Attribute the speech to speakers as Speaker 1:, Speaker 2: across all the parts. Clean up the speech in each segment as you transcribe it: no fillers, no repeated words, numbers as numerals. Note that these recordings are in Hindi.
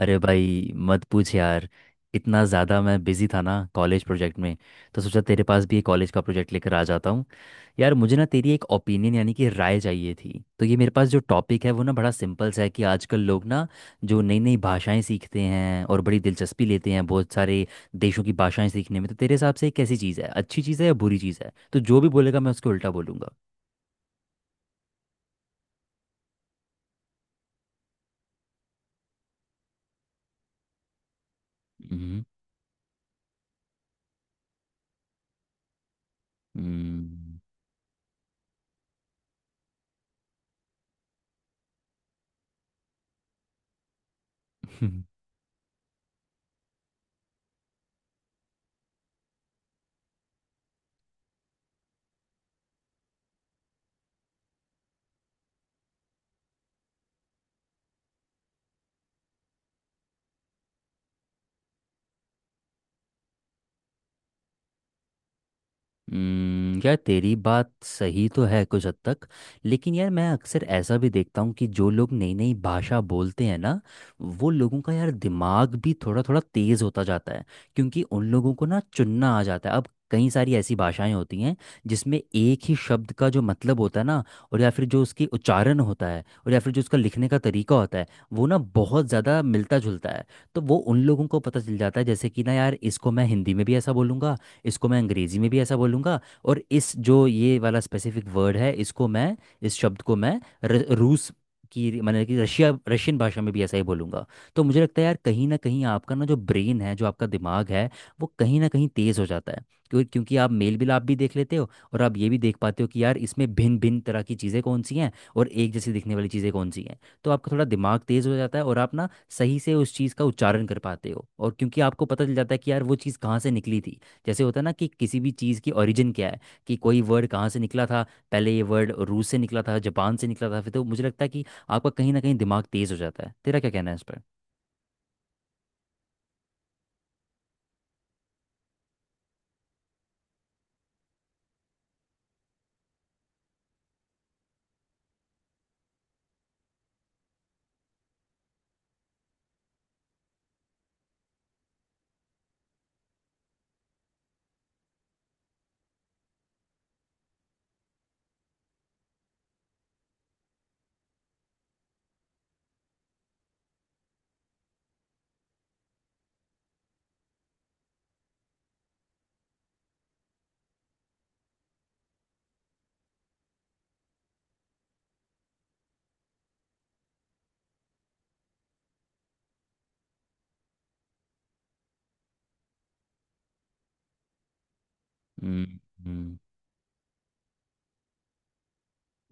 Speaker 1: अरे भाई मत पूछ यार। इतना ज़्यादा मैं बिज़ी था ना कॉलेज प्रोजेक्ट में। तो सोचा तेरे पास भी एक कॉलेज का प्रोजेक्ट लेकर आ जाता हूँ। यार मुझे ना तेरी एक ओपिनियन यानी कि राय चाहिए थी। तो ये मेरे पास जो टॉपिक है वो ना बड़ा सिंपल सा है, कि आजकल लोग ना जो नई नई भाषाएं सीखते हैं और बड़ी दिलचस्पी लेते हैं बहुत सारे देशों की भाषाएं सीखने में, तो तेरे हिसाब से ये कैसी चीज़ है? अच्छी चीज़ है या बुरी चीज़ है? तो जो भी बोलेगा मैं उसको उल्टा बोलूँगा। हम्म। हम्म। यार तेरी बात सही तो है कुछ हद तक। लेकिन यार मैं अक्सर ऐसा भी देखता हूँ कि जो लोग नई नई भाषा बोलते हैं ना, वो लोगों का यार दिमाग भी थोड़ा थोड़ा तेज़ होता जाता है। क्योंकि उन लोगों को ना चुनना आ जाता है। अब कई सारी ऐसी भाषाएं होती हैं जिसमें एक ही शब्द का जो मतलब होता है ना, और या फिर जो उसकी उच्चारण होता है, और या फिर जो उसका लिखने का तरीका होता है, वो ना बहुत ज़्यादा मिलता जुलता है। तो वो उन लोगों को पता चल जाता है, जैसे कि ना यार इसको मैं हिंदी में भी ऐसा बोलूँगा, इसको मैं अंग्रेजी में भी ऐसा बोलूँगा, और इस जो ये वाला स्पेसिफिक वर्ड है इसको मैं इस शब्द को मैं र, रूस की मैंने कि रशिया रशियन भाषा में भी ऐसा ही बोलूँगा। तो मुझे लगता है यार कहीं ना कहीं आपका ना जो ब्रेन है जो आपका दिमाग है वो कहीं ना कहीं तेज़ हो जाता है। क्योंकि क्योंकि आप मेल मिलाप भी देख लेते हो, और आप ये भी देख पाते हो कि यार इसमें भिन्न भिन्न तरह की चीज़ें कौन सी हैं और एक जैसी दिखने वाली चीज़ें कौन सी हैं। तो आपका थोड़ा दिमाग तेज़ हो जाता है और आप ना सही से उस चीज़ का उच्चारण कर पाते हो, और क्योंकि आपको पता चल जाता है कि यार वो चीज़ कहाँ से निकली थी। जैसे होता है ना कि किसी भी चीज़ की ओरिजिन क्या है, कि कोई वर्ड कहाँ से निकला था। पहले ये वर्ड रूस से निकला था, जापान से निकला था, फिर। तो मुझे लगता है कि आपका कहीं ना कहीं दिमाग तेज़ हो जाता है। तेरा क्या कहना है इस पर? हम्म।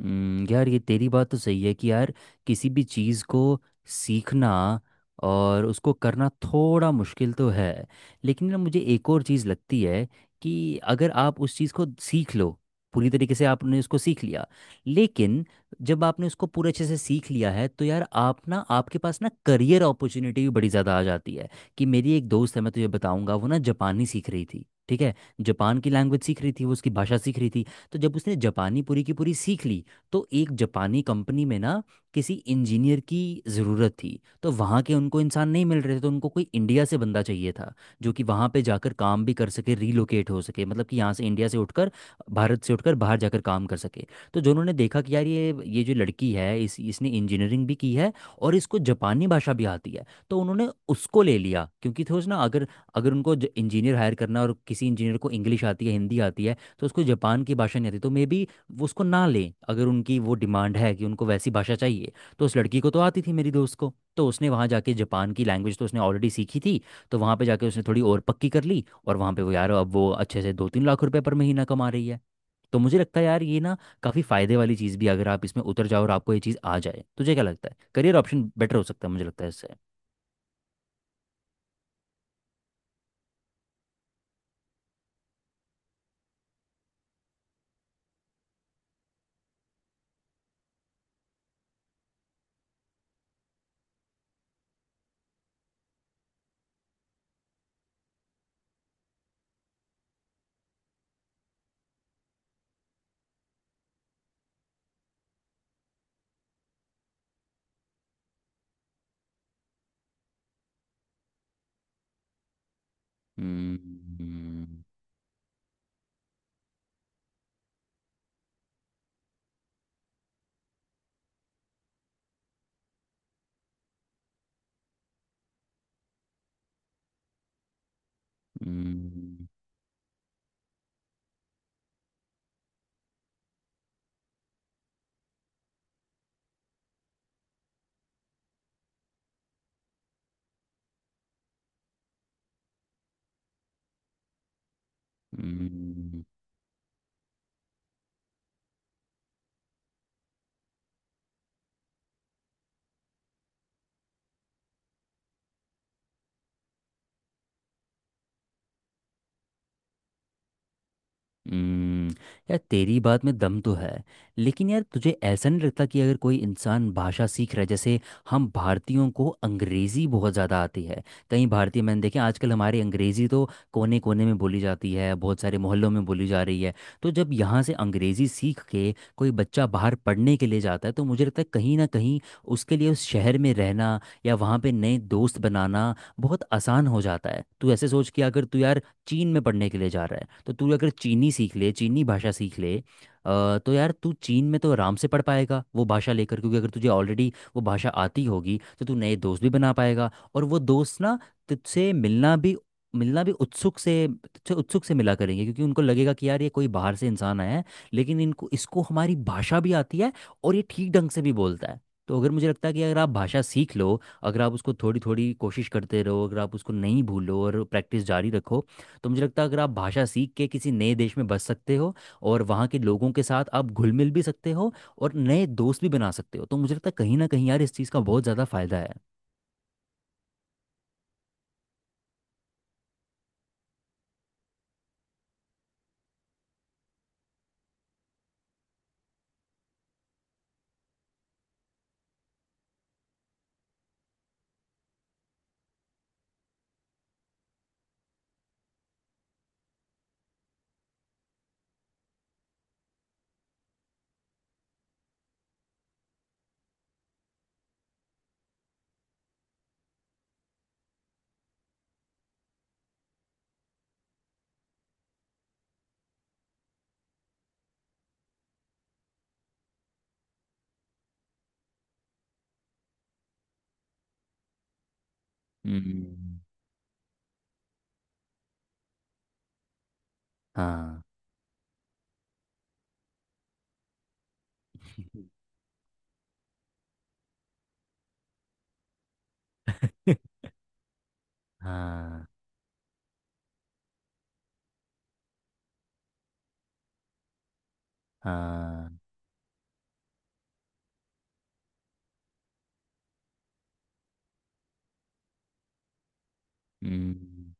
Speaker 1: यार ये तेरी बात तो सही है कि यार किसी भी चीज़ को सीखना और उसको करना थोड़ा मुश्किल तो है। लेकिन ना मुझे एक और चीज़ लगती है, कि अगर आप उस चीज़ को सीख लो, पूरी तरीके से आपने उसको सीख लिया, लेकिन जब आपने उसको पूरे अच्छे से सीख लिया है तो यार आप ना आपके पास ना करियर अपॉर्चुनिटी भी बड़ी ज़्यादा आ जाती है। कि मेरी एक दोस्त है मैं तुझे बताऊंगा। वो ना जापानी सीख रही थी, ठीक है? जापान की लैंग्वेज सीख रही थी, वो उसकी भाषा सीख रही थी। तो जब उसने जापानी पूरी की पूरी सीख ली, तो एक जापानी कंपनी में ना किसी इंजीनियर की ज़रूरत थी। तो वहाँ के उनको इंसान नहीं मिल रहे थे, तो उनको कोई इंडिया से बंदा चाहिए था जो कि वहाँ पे जाकर काम भी कर सके, रीलोकेट हो सके, मतलब कि यहाँ से इंडिया से उठकर भारत से उठकर बाहर जाकर काम कर सके। तो जो उन्होंने देखा कि यार ये जो लड़की है इस इसने इंजीनियरिंग भी की है और इसको जापानी भाषा भी आती है, तो उन्होंने उसको ले लिया। क्योंकि थोड़ा ना अगर अगर उनको इंजीनियर हायर करना, और किसी इंजीनियर को इंग्लिश आती है हिंदी आती है तो उसको जापान की भाषा नहीं आती, तो मे बी वो उसको ना लें, अगर उनकी वो डिमांड है कि उनको वैसी भाषा चाहिए। तो उस लड़की को तो आती थी, मेरी दोस्त को। तो उसने वहाँ जाके जापान की लैंग्वेज तो उसने ऑलरेडी सीखी थी, तो वहाँ पे जाके उसने थोड़ी और पक्की कर ली। और वहाँ पे वो यार अब वो अच्छे से दो तीन लाख रुपए पर महीना कमा रही है। तो मुझे लगता है यार ये ना काफ़ी फ़ायदे वाली चीज़ भी, अगर आप इसमें उतर जाओ और आपको ये चीज़ आ जाए। तुझे क्या लगता है? करियर ऑप्शन बेटर हो सकता है मुझे लगता है इससे। हम्म। हम्म। हम्म, हम्म, हम्म, यार तेरी बात में दम तो है। लेकिन यार तुझे ऐसा नहीं लगता कि अगर कोई इंसान भाषा सीख रहा है, जैसे हम भारतीयों को अंग्रेज़ी बहुत ज़्यादा आती है, कई भारतीय मैंने देखे आजकल। हमारी अंग्रेज़ी तो कोने कोने में बोली जाती है, बहुत सारे मोहल्लों में बोली जा रही है। तो जब यहाँ से अंग्रेज़ी सीख के कोई बच्चा बाहर पढ़ने के लिए जाता है, तो मुझे लगता है कहीं ना कहीं उसके लिए उस शहर में रहना या वहाँ पे नए दोस्त बनाना बहुत आसान हो जाता है। तू ऐसे सोच कि अगर तू यार चीन में पढ़ने के लिए जा रहा है, तो तू अगर चीनी सीख ले, चीनी भाषा सीख ले, तो यार तू चीन में तो आराम से पढ़ पाएगा वो भाषा लेकर, क्योंकि अगर तुझे ऑलरेडी वो भाषा आती होगी तो तू नए दोस्त भी बना पाएगा। और वो दोस्त ना तुझसे मिलना भी उत्सुक से मिला करेंगे, क्योंकि उनको लगेगा कि यार ये कोई बाहर से इंसान आया है, लेकिन इनको इसको हमारी भाषा भी आती है और ये ठीक ढंग से भी बोलता है। तो अगर मुझे लगता है कि अगर आप भाषा सीख लो, अगर आप उसको थोड़ी थोड़ी कोशिश करते रहो, अगर आप उसको नहीं भूलो और प्रैक्टिस जारी रखो, तो मुझे लगता है अगर आप भाषा सीख के किसी नए देश में बस सकते हो और वहाँ के लोगों के साथ आप घुल मिल भी सकते हो और नए दोस्त भी बना सकते हो, तो मुझे लगता है कहीं ना कहीं यार इस चीज़ का बहुत ज़्यादा फायदा है। हम्म। हाँ। हाँ। हाँ। हम्म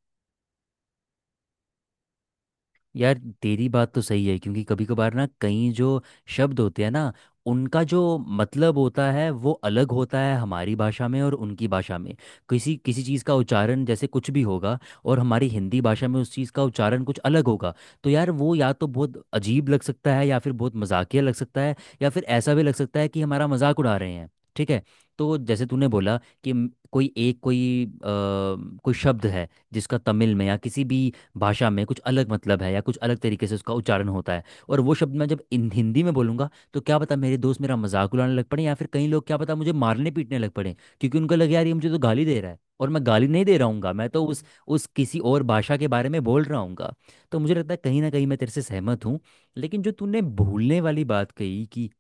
Speaker 1: यार तेरी बात तो सही है, क्योंकि कभी कभार ना कई जो शब्द होते हैं ना, उनका जो मतलब होता है वो अलग होता है हमारी भाषा में और उनकी भाषा में। किसी किसी चीज़ का उच्चारण जैसे कुछ भी होगा, और हमारी हिंदी भाषा में उस चीज़ का उच्चारण कुछ अलग होगा। तो यार वो या तो बहुत अजीब लग सकता है, या फिर बहुत मजाकिया लग सकता है, या फिर ऐसा भी लग सकता है कि हमारा मजाक उड़ा रहे हैं, ठीक है? तो जैसे तूने बोला कि म- कोई एक कोई अ, कोई शब्द है जिसका तमिल में या किसी भी भाषा में कुछ अलग मतलब है, या कुछ अलग तरीके से उसका उच्चारण होता है। और वो शब्द मैं जब इन हिंदी में बोलूंगा, तो क्या पता मेरे दोस्त मेरा मजाक उड़ाने लग पड़े, या फिर कई लोग क्या पता मुझे मारने पीटने लग पड़े, क्योंकि उनको लगे यार ये मुझे तो गाली दे रहा है, और मैं गाली नहीं दे रहा हूँ, मैं तो उस किसी और भाषा के बारे में बोल रहा हूँ। तो मुझे लगता है कहीं ना कहीं मैं तेरे से सहमत हूँ। लेकिन जो तूने भूलने वाली बात कही कि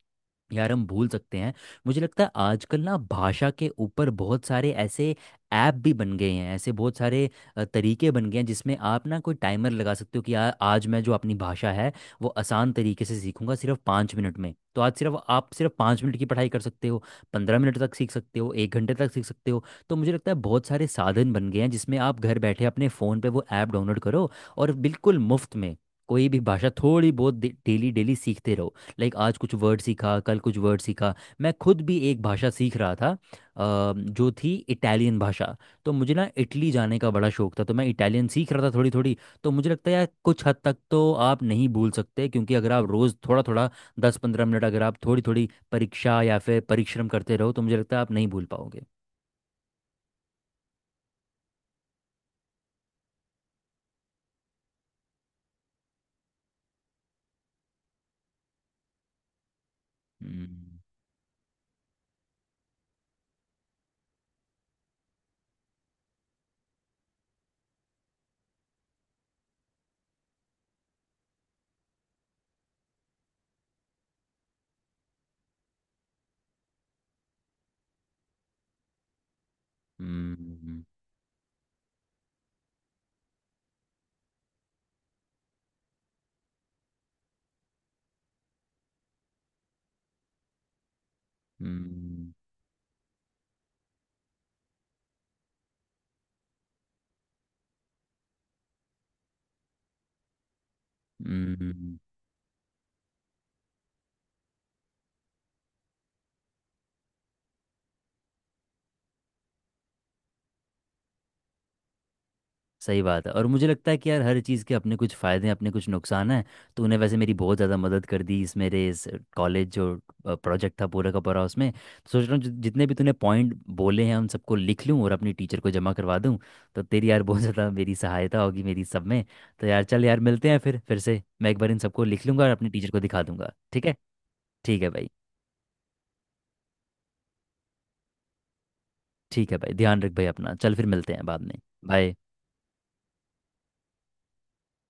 Speaker 1: यार हम भूल सकते हैं, मुझे लगता है आजकल ना भाषा के ऊपर बहुत सारे ऐसे ऐप भी बन गए हैं, ऐसे बहुत सारे तरीके बन गए हैं जिसमें आप ना कोई टाइमर लगा सकते हो कि यार आज मैं जो अपनी भाषा है वो आसान तरीके से सीखूंगा सिर्फ 5 मिनट में। तो आज सिर्फ आप सिर्फ 5 मिनट की पढ़ाई कर सकते हो, 15 मिनट तक सीख सकते हो, एक घंटे तक सीख सकते हो। तो मुझे लगता है बहुत सारे साधन बन गए हैं जिसमें आप घर बैठे अपने फ़ोन पे वो ऐप डाउनलोड करो, और बिल्कुल मुफ्त में कोई भी भाषा थोड़ी बहुत डेली डेली सीखते रहो। लाइक आज कुछ वर्ड सीखा, कल कुछ वर्ड सीखा। मैं खुद भी एक भाषा सीख रहा था, जो थी इटालियन भाषा। तो मुझे ना इटली जाने का बड़ा शौक था, तो मैं इटालियन सीख रहा था थोड़ी थोड़ी। तो मुझे लगता है यार कुछ हद तक तो आप नहीं भूल सकते, क्योंकि अगर आप रोज़ थोड़ा थोड़ा दस पंद्रह मिनट अगर आप थोड़ी थोड़ी परीक्षा या फिर परिश्रम करते रहो, तो मुझे लगता है आप नहीं भूल पाओगे। हम्म। हम्म। हम्म। हम्म, हम्म, हम्म। सही बात है, और मुझे लगता है कि यार हर चीज़ के अपने कुछ फ़ायदे हैं अपने कुछ नुकसान हैं। तो उन्हें वैसे मेरी बहुत ज़्यादा मदद कर दी इस मेरे इस कॉलेज जो प्रोजेक्ट था पूरा का पूरा उसमें। तो सोच रहा हूँ जितने भी तूने पॉइंट बोले हैं उन सबको लिख लूँ और अपनी टीचर को जमा करवा दूँ। तो तेरी यार बहुत ज़्यादा मेरी सहायता होगी मेरी सब में। तो यार चल यार मिलते हैं फिर से। मैं एक बार इन सबको लिख लूँगा और अपनी टीचर को दिखा दूंगा, ठीक है? ठीक है भाई। ठीक है भाई, ध्यान रख भाई अपना। चल फिर मिलते हैं बाद में। बाय।